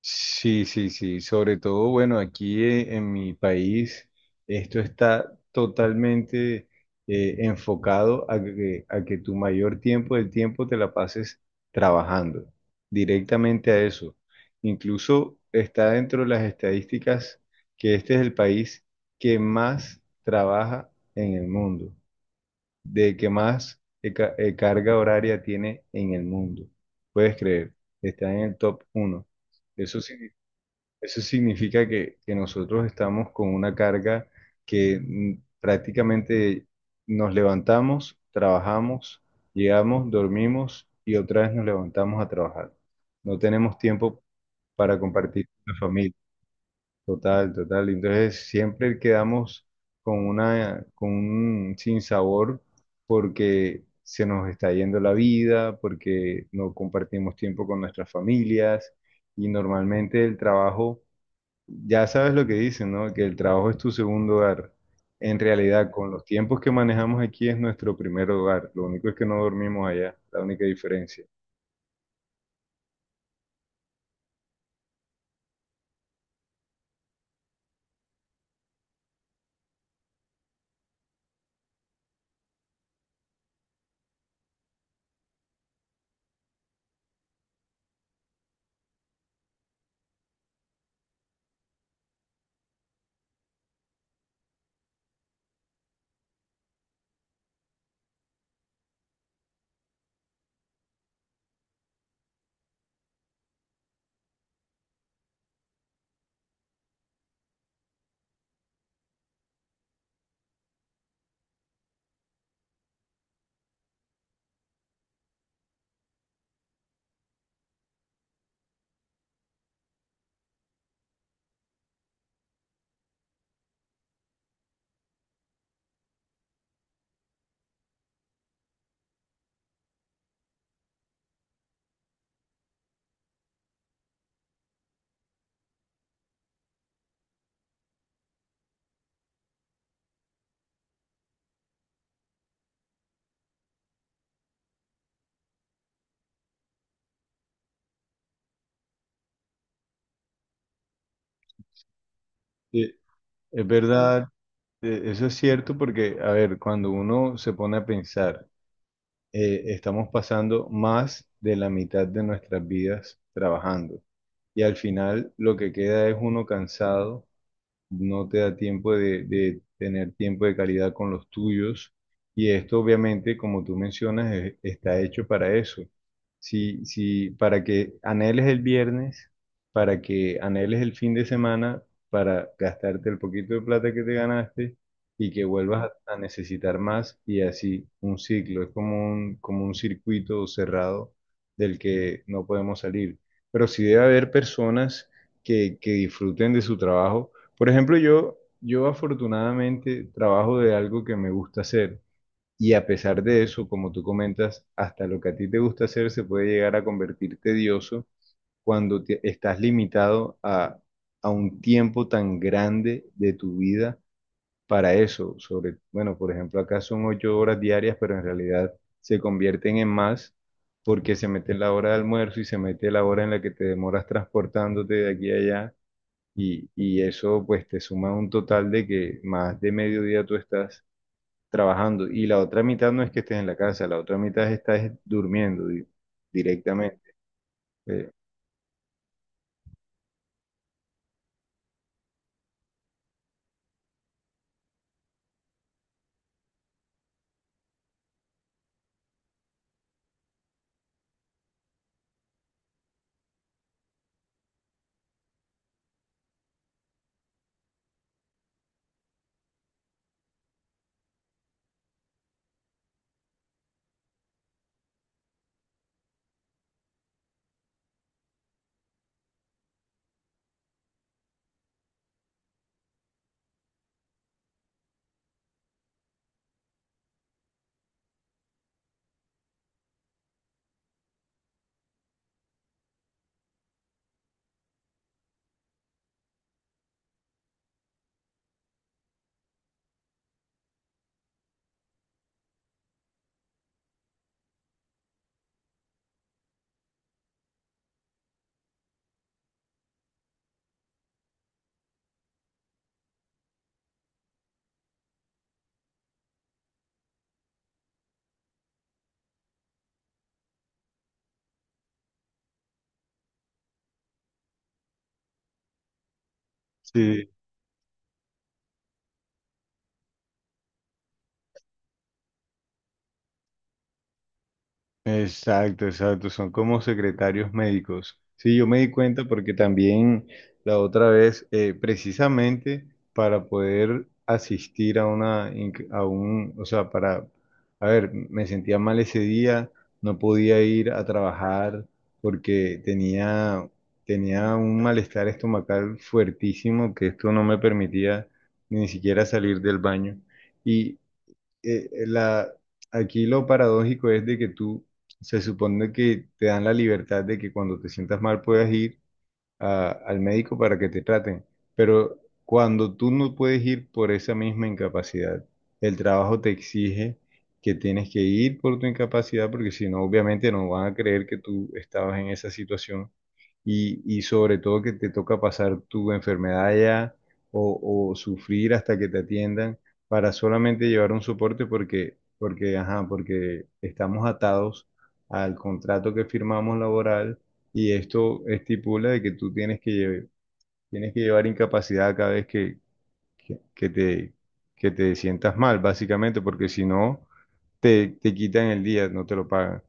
Sí, sí, sí. Sobre todo, bueno, aquí en mi país esto está totalmente, enfocado a que tu mayor tiempo del tiempo te la pases trabajando directamente a eso. Incluso está dentro de las estadísticas que este es el país que más trabaja en el mundo, de que más carga horaria tiene en el mundo. ¿Puedes creer? Está en el top uno. Eso significa Eso significa que nosotros estamos con una carga que prácticamente nos levantamos, trabajamos, llegamos, dormimos y otra vez nos levantamos a trabajar. No tenemos tiempo para compartir con la familia. Total, total. Entonces siempre quedamos con un sinsabor porque se nos está yendo la vida, porque no compartimos tiempo con nuestras familias, y normalmente el trabajo, ya sabes lo que dicen, ¿no? Que el trabajo es tu segundo hogar. En realidad, con los tiempos que manejamos aquí es nuestro primer hogar. Lo único es que no dormimos allá, la única diferencia. Sí, es verdad, eso es cierto porque, a ver, cuando uno se pone a pensar, estamos pasando más de la mitad de nuestras vidas trabajando, y al final lo que queda es uno cansado. No te da tiempo de tener tiempo de calidad con los tuyos. Y esto obviamente, como tú mencionas, está hecho para eso. Si, si, para que anheles el viernes, para que anheles el fin de semana, para gastarte el poquito de plata que te ganaste y que vuelvas a necesitar más, y así un ciclo. Es como un circuito cerrado del que no podemos salir. Pero sí debe haber personas que disfruten de su trabajo. Por ejemplo, yo afortunadamente trabajo de algo que me gusta hacer, y a pesar de eso, como tú comentas, hasta lo que a ti te gusta hacer se puede llegar a convertir tedioso cuando estás limitado a un tiempo tan grande de tu vida para eso. Sobre, bueno, por ejemplo, acá son 8 horas diarias, pero en realidad se convierten en más porque se mete la hora de almuerzo y se mete la hora en la que te demoras transportándote de aquí a allá, y eso pues te suma un total de que más de mediodía tú estás trabajando, y la otra mitad no es que estés en la casa, la otra mitad estás durmiendo directamente. Eh, sí. Exacto, exacto, son como secretarios médicos. Sí, yo me di cuenta porque también la otra vez, precisamente para poder asistir a una, a un, o sea, para, a ver, me sentía mal ese día, no podía ir a trabajar porque tenía un malestar estomacal fuertísimo que esto no me permitía ni siquiera salir del baño. eh, eh, la, Aquí lo paradójico es de que tú, se supone que te dan la libertad de que cuando te sientas mal puedas ir al médico para que te traten. Pero cuando tú no puedes ir por esa misma incapacidad, el trabajo te exige que tienes que ir por tu incapacidad porque si no, obviamente no van a creer que tú estabas en esa situación, y sobre todo que te toca pasar tu enfermedad allá, o sufrir hasta que te atiendan para solamente llevar un soporte porque, ajá, porque estamos atados al contrato que firmamos laboral, y esto estipula de que tú tienes que, tienes que llevar incapacidad cada vez que, que te, que te sientas mal, básicamente, porque si no, te quitan el día, no te lo pagan.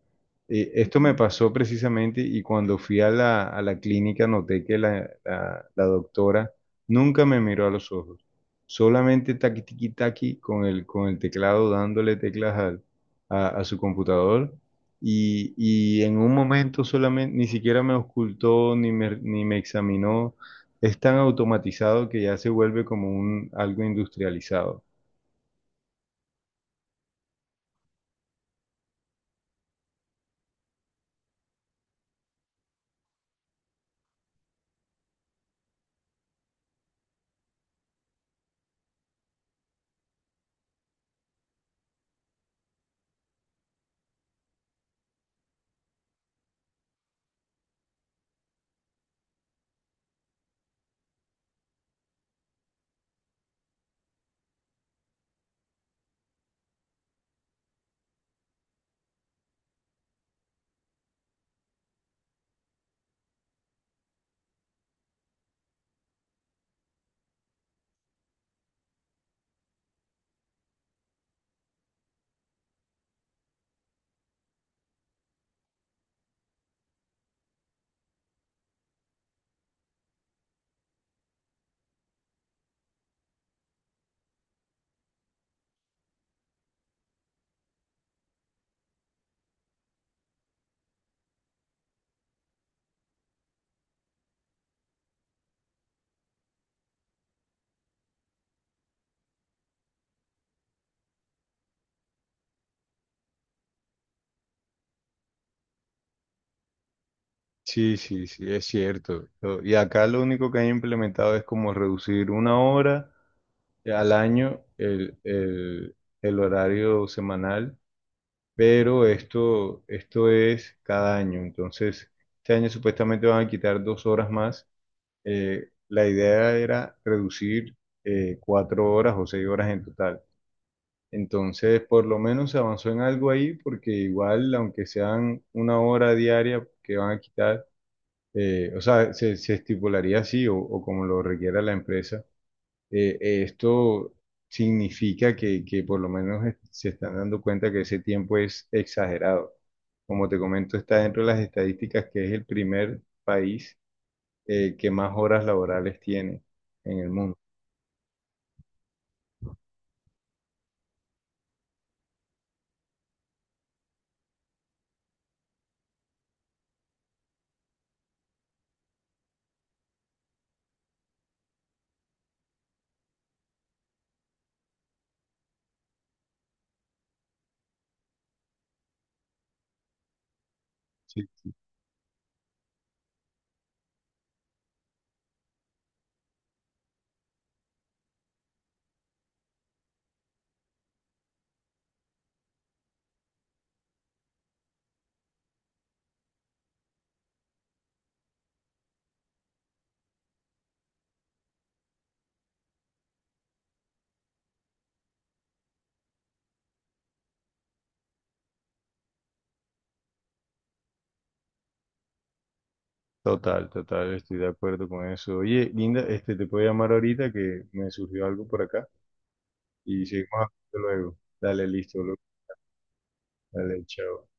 Esto me pasó precisamente, y cuando fui a a la clínica noté que la doctora nunca me miró a los ojos, solamente taqui tiqui taqui con el teclado dándole teclas a su computador, y en un momento solamente ni siquiera me ocultó ni me examinó. Es tan automatizado que ya se vuelve como algo industrializado. Sí, sí, sí, es cierto. Y acá lo único que han implementado es como reducir 1 hora al año el horario semanal, pero esto es cada año. Entonces, este año supuestamente van a quitar 2 horas más. La idea era reducir 4 horas o 6 horas en total. Entonces, por lo menos se avanzó en algo ahí, porque igual, aunque sean una hora diaria que van a quitar, o sea, se estipularía así, o como lo requiera la empresa. Esto significa que por lo menos se están dando cuenta que ese tiempo es exagerado. Como te comento, está dentro de las estadísticas que es el primer país que más horas laborales tiene en el mundo. Sí, sí. Total, total, estoy de acuerdo con eso. Oye, Linda, este, te puedo llamar ahorita que me surgió algo por acá y seguimos hablando luego. Dale, listo, luego. Dale, chao.